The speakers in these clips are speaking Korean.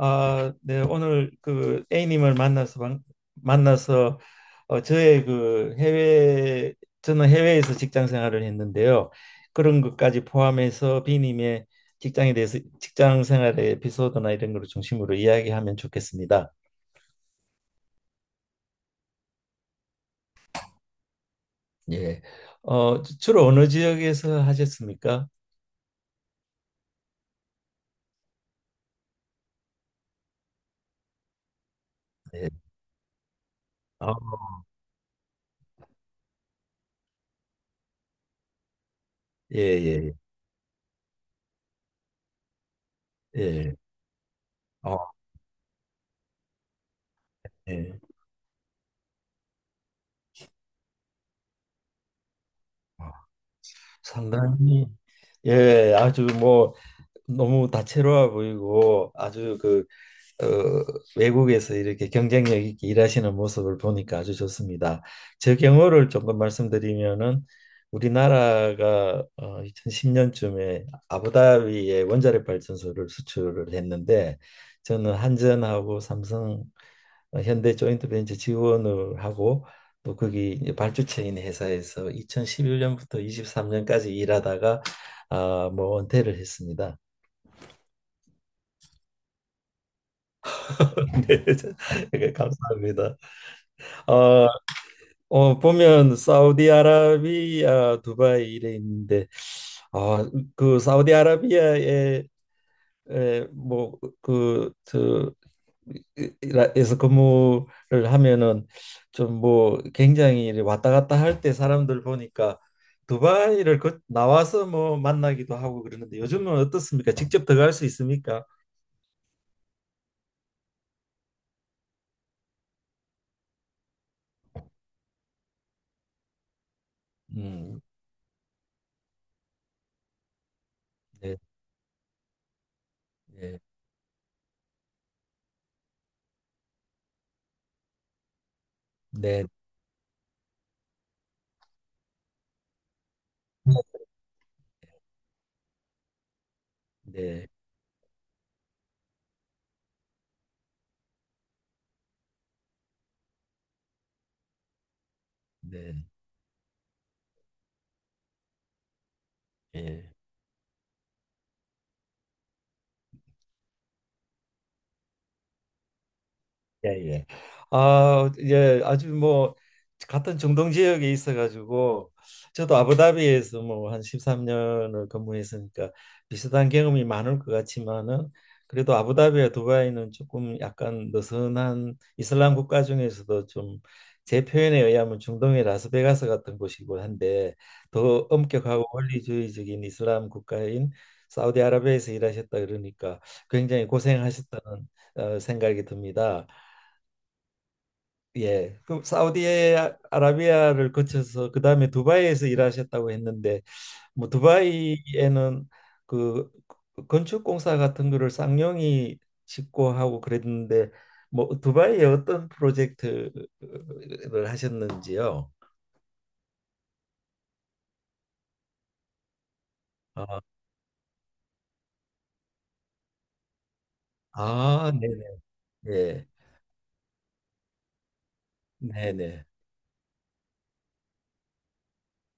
아, 네, 오늘 그 A님을 만나서 만나서 어, 저의 그 해외 저는 해외에서 직장 생활을 했는데요. 그런 것까지 포함해서 B님의 직장에 대해서 직장 생활의 에피소드나 이런 걸 중심으로 이야기하면 좋겠습니다. 예. 주로 어느 지역에서 하셨습니까? 네. 아, 예, 예, 예. 예. 어, 예. 어, 상당히 예, 아주 뭐 너무 다채로워 보이고 아주 어, 외국에서 이렇게 경쟁력 있게 일하시는 모습을 보니까 아주 좋습니다. 제 경우를 조금 말씀드리면은 우리나라가 2010년쯤에 아부다비에 원자력 발전소를 수출을 했는데, 저는 한전하고 삼성, 현대 조인트벤처 지원을 하고 또 거기 이제 발주처인 회사에서 2011년부터 23년까지 일하다가, 아, 뭐 은퇴를 했습니다. 네, 네, 감사합니다. 어, 어 보면 사우디아라비아, 두바이 이래 있는데, 아 그 사우디아라비아에 뭐그저에서 근무를 하면은, 좀 뭐 굉장히 이래 왔다 갔다 할 때 사람들 보니까 두바이를 그 나와서 뭐 만나기도 하고 그러는데, 요즘은 어떻습니까? 직접 들어갈 수 있습니까? 음, 네, 네, 네, 네, 네, 예. 예, 예. 아, 예, 아주 뭐 같은 중동 지역에 있어 가지고 저도 아부다비에서 뭐 한 13년을 근무했으니까 비슷한 경험이 많을 것 같지만은, 그래도 아부다비와 두바이는 조금 약간 느슨한 이슬람 국가 중에서도 좀, 제 표현에 의하면 중동의 라스베가스 같은 곳이고 한데, 더 엄격하고 원리주의적인 이슬람 국가인 사우디아라비아에서 일하셨다 그러니까 굉장히 고생하셨다는 생각이 듭니다. 예. 그럼 사우디아라비아를 거쳐서 그다음에 두바이에서 일하셨다고 했는데, 뭐 두바이에는 그 건축공사 같은 거를 쌍용이 짓고 하고 그랬는데 뭐 두바이에 어떤 프로젝트를 하셨는지요? 아, 아, 네네. 예. 네네.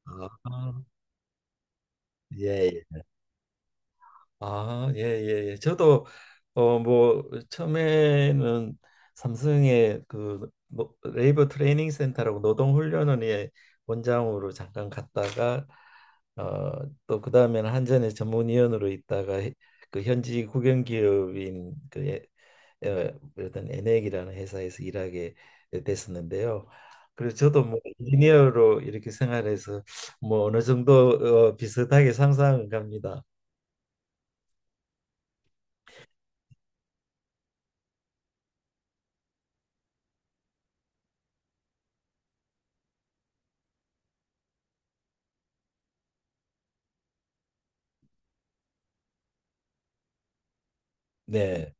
아, 예. 예. 아, 예, 예, 예. 저도 어 뭐 처음에는 삼성의 그 레이버 트레이닝 센터라고 노동 훈련원의 원장으로 잠깐 갔다가, 어 또 그다음에는 한전의 전문위원으로 있다가 그 현지 국영 기업인 에, 어떤 엔액이라는 회사에서 일하게 됐었는데요. 그래서 저도 뭐 인지니어로 이렇게 생활해서 뭐 어느 정도 비슷하게 상상은 갑니다. 네.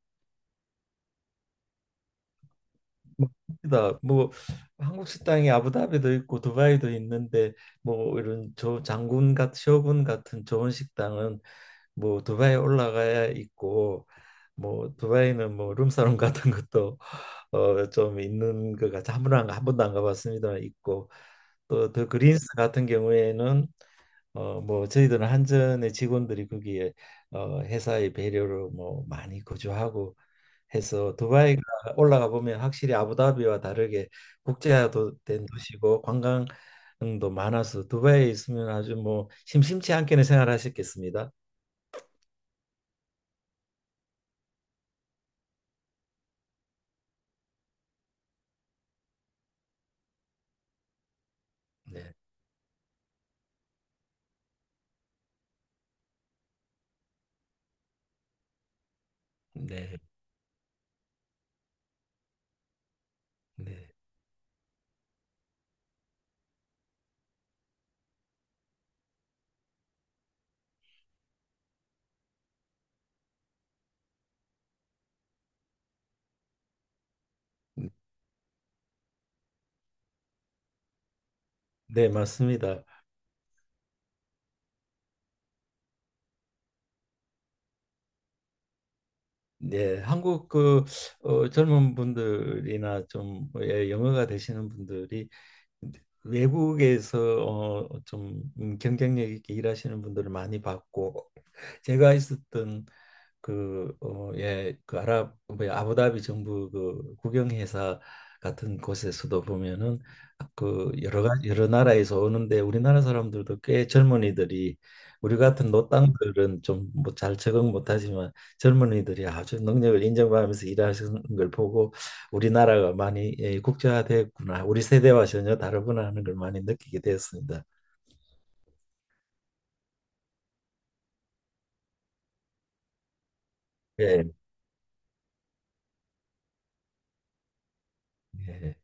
맞습니다. 뭐 뭐, 한국 식당이 아부다비도 있고 두바이도 있는데, 뭐 이런 저 장군 같 셔군 같은 좋은 식당은 뭐 두바이 올라가야 있고, 뭐 두바이는 뭐 룸사롱 같은 것도 좀 있는 것 같아, 한 번도 안 가봤습니다만 있고, 또 더 그린스 같은 경우에는 뭐 저희들은 한전의 직원들이 거기에 회사의 배려로 뭐 많이 거주하고 해서, 두바이가 올라가 보면 확실히 아부다비와 다르게 국제화도 된 도시고 관광도 많아서, 두바이에 있으면 아주 뭐 심심치 않게는 생활하셨겠습니다. 네, 네, 네, 네, 맞습니다. 네, 한국 그 젊은 분들이나 좀, 예, 영어가 되시는 분들이 외국에서 좀 경쟁력 있게 일하시는 분들을 많이 봤고, 제가 있었던 예, 그 아랍, 뭐 아부다비 정부 그 국영회사 같은 곳에서도 보면은, 그 여러 나라에서 오는데 우리나라 사람들도 꽤 젊은이들이, 우리 같은 노땅들은 좀 뭐 잘 적응 못하지만 젊은이들이 아주 능력을 인정받으면서 일하시는 걸 보고, 우리나라가 많이, 예, 국제화됐구나, 우리 세대와 전혀 다르구나 하는 걸 많이 느끼게 되었습니다. 예, 예,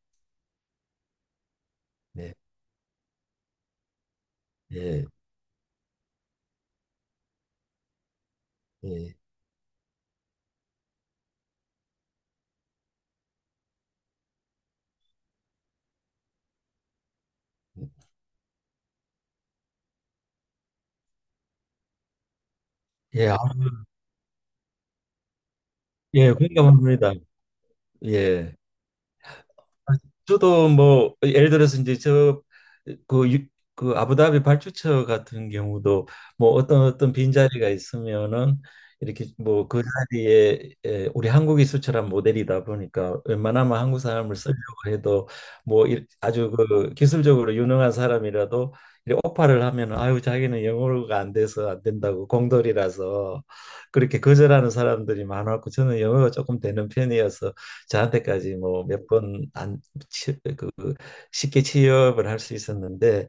네, 예, 예, 예. 예, 예, 공감합니다. 예. 아, 저도 뭐 예를 들어서 이제 저그 그 아부다비 발주처 같은 경우도, 뭐 어떤 빈자리가 있으면은 이렇게 뭐 그 자리에 우리 한국이 수출한 모델이다 보니까 웬만하면 한국 사람을 쓰려고 해도, 아주 그 기술적으로 유능한 사람이라도 이렇게 오파를 하면, 아유 자기는 영어가 안 돼서 안 된다고 공돌이라서 그렇게 거절하는 사람들이 많았고, 저는 영어가 조금 되는 편이어서 저한테까지 뭐몇번안 그 쉽게 취업을 할 수 있었는데,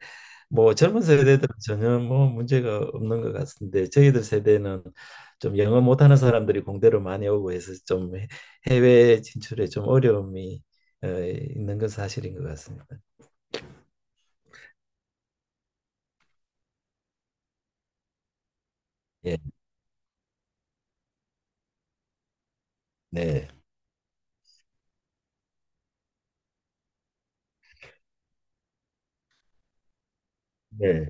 뭐 젊은 세대들은 전혀 뭐 문제가 없는 것 같은데 저희들 세대는 좀 영어 못하는 사람들이 공대로 많이 오고 해서 해외 진출에 좀 어려움이 있는 건 사실인 것 같습니다. 예, 네, 네,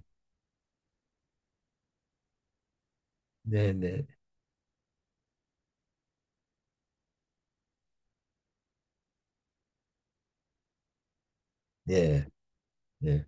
네, 네, 예, 예.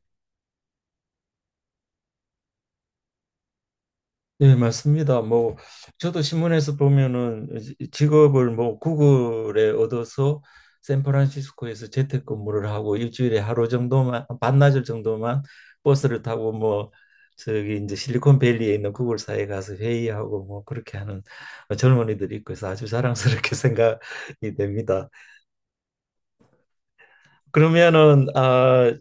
네, 맞습니다. 뭐 저도 신문에서 보면은 직업을 뭐 구글에 얻어서 샌프란시스코에서 재택근무를 하고 일주일에 하루 정도만 반나절 정도만 버스를 타고 뭐 저기 이제 실리콘밸리에 있는 구글사에 가서 회의하고 뭐 그렇게 하는 젊은이들이 있고 해서 아주 자랑스럽게 생각이 됩니다. 그러면은, 아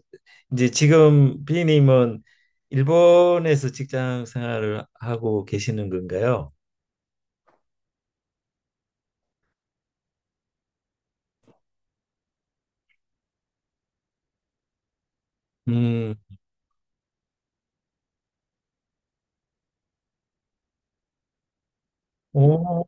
이제 지금 비님은 일본에서 직장 생활을 하고 계시는 건가요? 음. 오,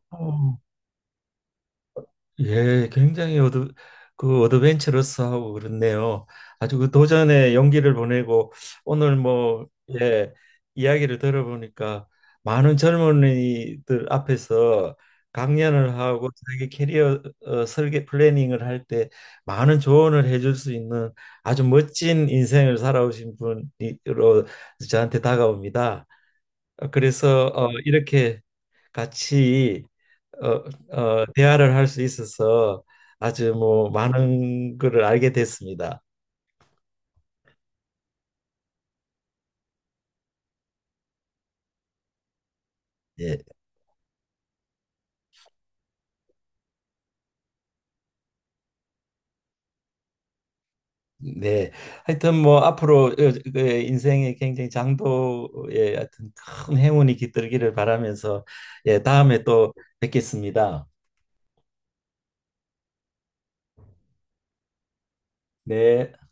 예, 굉장히 그 어드벤처러스하고 그렇네요. 아주 그 도전의 용기를 보내고, 오늘 뭐, 예, 이야기를 들어보니까 많은 젊은이들 앞에서 강연을 하고 자기 캐리어 설계 플래닝을 할 때 많은 조언을 해줄 수 있는, 아주 멋진 인생을 살아오신 분으로 저한테 다가옵니다. 그래서 이렇게 같이 어, 대화를 할 수 있어서 아주 뭐 많은 거를 알게 됐습니다. 예, 네. 하여튼 뭐 앞으로 그 인생의 굉장히 장도의 하여튼 큰 행운이 깃들기를 바라면서, 예, 다음에 또 뵙겠습니다. 네.